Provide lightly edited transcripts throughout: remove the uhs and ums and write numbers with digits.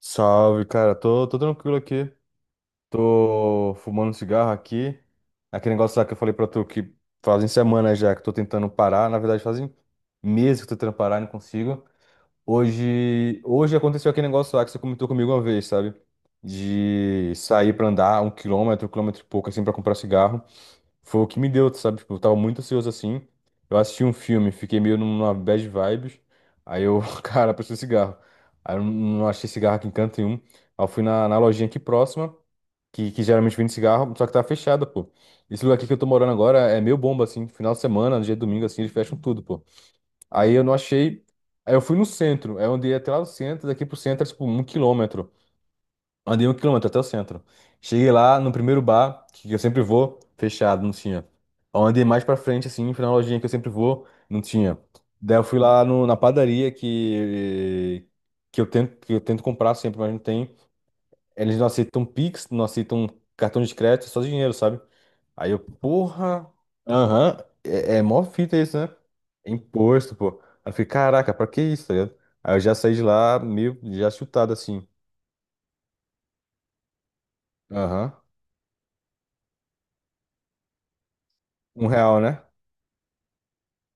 Salve, cara. Tô tranquilo aqui. Tô fumando cigarro aqui. Aquele negócio lá que eu falei pra tu que fazem semanas já que eu tô tentando parar. Na verdade, fazem meses que eu tô tentando parar e não consigo. Hoje aconteceu aquele negócio lá que você comentou comigo uma vez, sabe? De sair pra andar um quilômetro e pouco, assim, pra comprar cigarro. Foi o que me deu, sabe? Tipo, eu tava muito ansioso assim. Eu assisti um filme, fiquei meio numa bad vibes. Aí eu, cara, preciso de cigarro. Aí eu não achei cigarro aqui em canto nenhum. Aí eu fui na lojinha aqui próxima, que geralmente vende cigarro, só que tava fechada, pô. Esse lugar aqui que eu tô morando agora é meio bomba, assim. Final de semana, dia de domingo, assim, eles fecham tudo, pô. Aí eu não achei. Aí eu fui no centro. Aí eu andei até lá no centro, daqui pro centro, é, tipo, um quilômetro. Andei um quilômetro até o centro. Cheguei lá no primeiro bar, que eu sempre vou, fechado, não tinha. Aí eu andei mais pra frente, assim, fui na lojinha que eu sempre vou, não tinha. Daí eu fui lá na padaria eu tento, que eu tento comprar sempre, mas não tem. Eles não aceitam Pix, não aceitam cartão de crédito, é só dinheiro, sabe? Aí eu, porra, aham, é, é mó fita isso, né? Imposto, pô. Aí eu fiquei, caraca, pra que isso, tá ligado? Aí eu já saí de lá meio já chutado assim. Aham. Um real, né?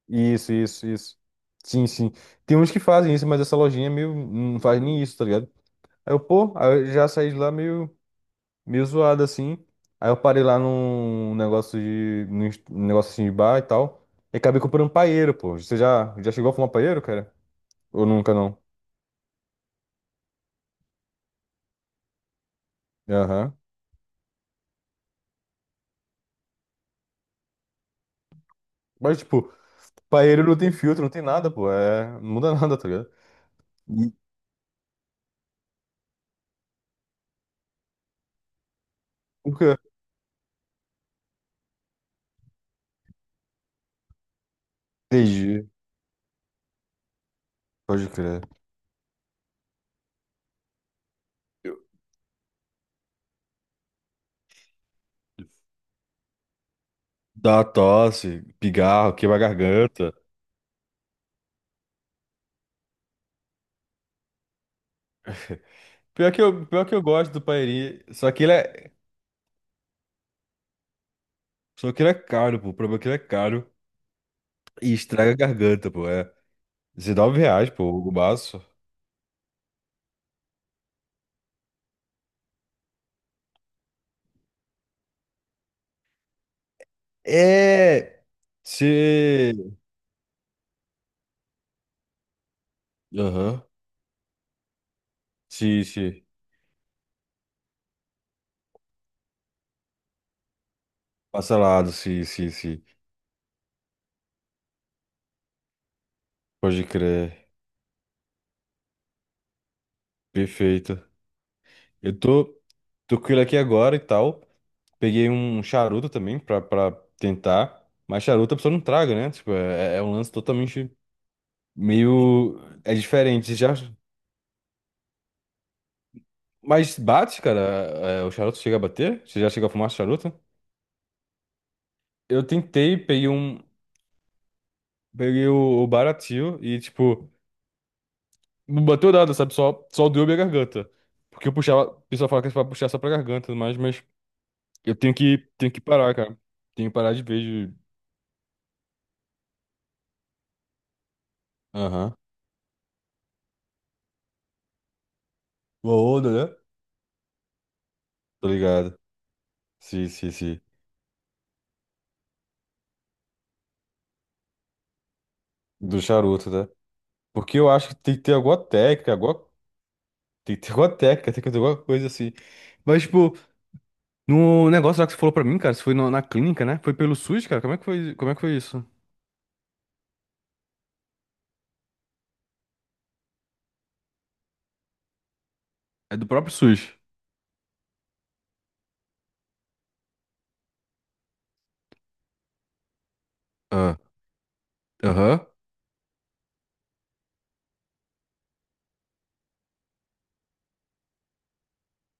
Isso, isso, isso. Sim, sim. Tem uns que fazem isso, mas essa lojinha é meio não faz nem isso, tá ligado? Aí eu, pô, aí eu já saí de lá meio, meio zoado assim. Aí eu parei lá num negócio de, num negócio assim de bar e tal. E acabei comprando paeiro, pô. Você já chegou a fumar paeiro, cara? Ou nunca não? Aham. Mas, tipo, paeiro não tem filtro, não tem nada, pô. É... Não muda nada, tá ligado? Nunca. Entendi. Pode crer. Eu- Dá tosse, pigarro, queima a garganta. Pior que eu gosto do paeirinho, só que ele é caro, pô. O problema é que ele é caro e estraga a garganta, pô. É 19 reais, pô, o baço. É. Se. Aham. Sim, sim. Parcelado, sim, sim, sim. Pode crer. Perfeito. Eu tô, tô com ele aqui agora e tal. Peguei um charuto também pra tentar. Mas charuto a pessoa não traga, né? Tipo, é, é um lance totalmente meio. É diferente. Você já... Mas bate, cara. É, o charuto chega a bater? Você já chegou a fumar charuto? Eu tentei, peguei um. Peguei o baratinho e, tipo, não bateu nada, sabe? Só doeu minha garganta. Porque eu puxava. O pessoal fala que é pra puxar só pra garganta, e tudo mais, mas eu tenho que parar, cara. Tenho que parar de vez de. Aham. Uma onda, né? Tô ligado. Sim, sim, sim. Do charuto, né? Porque eu acho que tem que ter alguma técnica, alguma... tem que ter alguma técnica, tem que ter alguma coisa assim. Mas, tipo, no negócio lá que você falou pra mim, cara, você foi na clínica, né? Foi pelo SUS, cara? Como é que foi, como é que foi isso? É do próprio SUS. Ah, aham.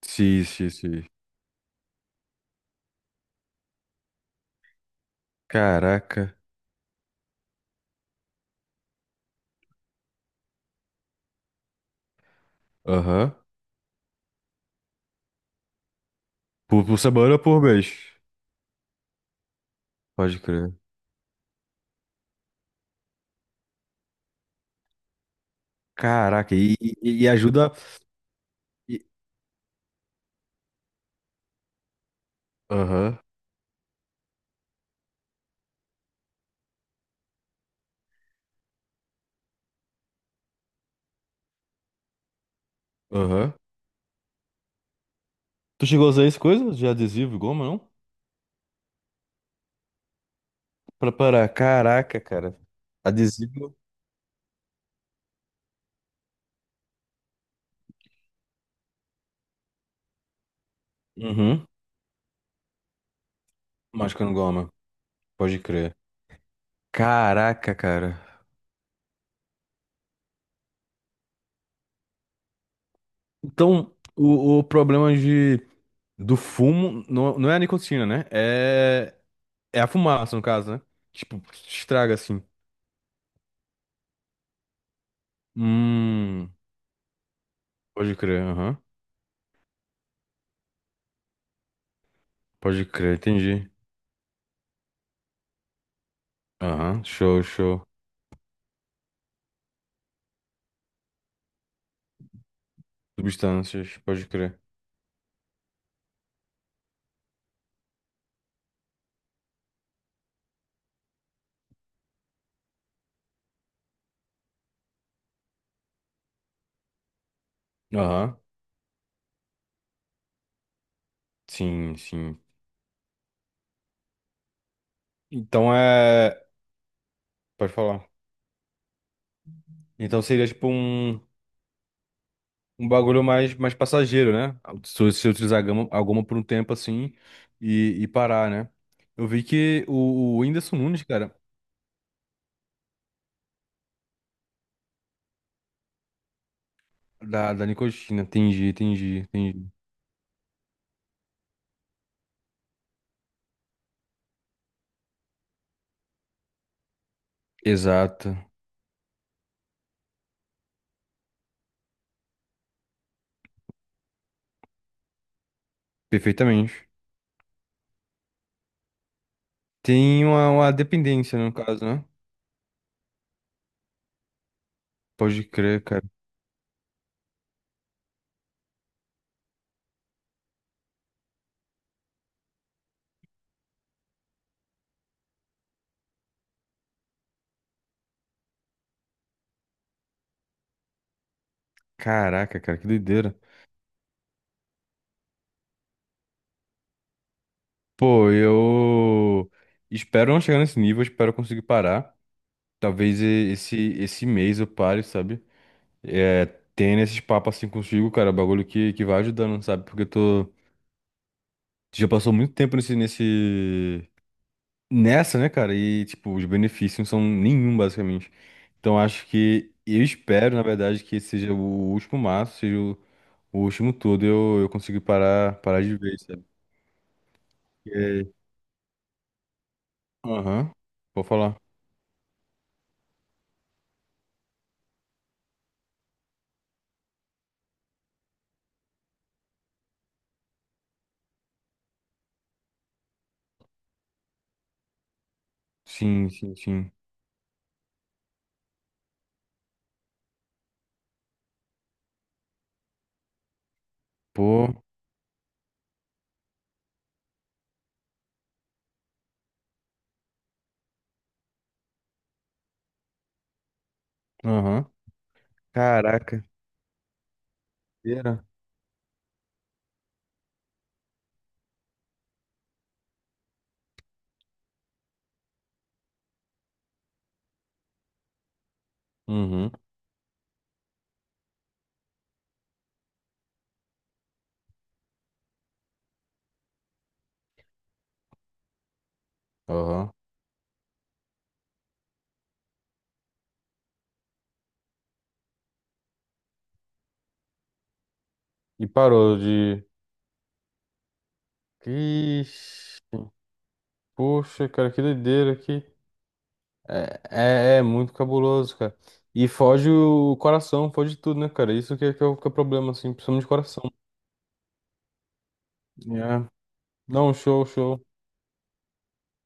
Sim, sim, sim. Caraca. Aham. Por semana ou por mês? Pode crer. Caraca, e ajuda. E- aham, aham. Tu chegou a usar isso, coisa de adesivo e goma, não? Pra parar. Caraca, cara. Adesivo. Uhum. Mas quando goma. Pode crer. Caraca, cara. Então, o problema de, do fumo não, não é a nicotina, né? É, é a fumaça, no caso, né? Tipo, estraga assim. Hum, pode crer, aham. Pode crer, entendi. Aham, show, show. Substâncias, pode crer. Aham, sim, sim. Então é. Pode falar. Então seria tipo um. Um bagulho mais, mais passageiro, né? Se você utilizar gama- alguma por um tempo assim e parar, né? Eu vi que o Whindersson Nunes, cara, da nicotina, entendi, entendi, entendi. Exato, perfeitamente. Tem uma dependência, no caso, né? Pode crer, cara. Caraca, cara, que doideira. Pô, eu espero não chegar nesse nível, espero conseguir parar. Talvez esse mês eu pare, sabe? É, tendo esses papos assim consigo, cara, é um bagulho que vai ajudando, sabe? Porque eu tô. Já passou muito tempo nesse. Nessa, né, cara? E, tipo, os benefícios não são nenhum, basicamente. Então, acho que. Eu espero, na verdade, que esse seja o último maço, seja o último todo, eu conseguir parar, parar de vez, sabe? Porque. Aham. Vou falar. Sim, sim, sim. Pô. Aham. Caraca. Era. Uhum. Aham. E parou de. Ixi. Poxa, cara, que doideira aqui. É, é, é muito cabuloso, cara. E foge o coração, foge tudo, né, cara? Isso que é que é o problema, assim, precisamos de coração. É. Não, show, show.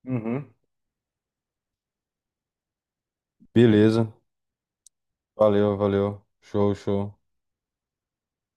Uhum. Beleza. Valeu, valeu. Show, show.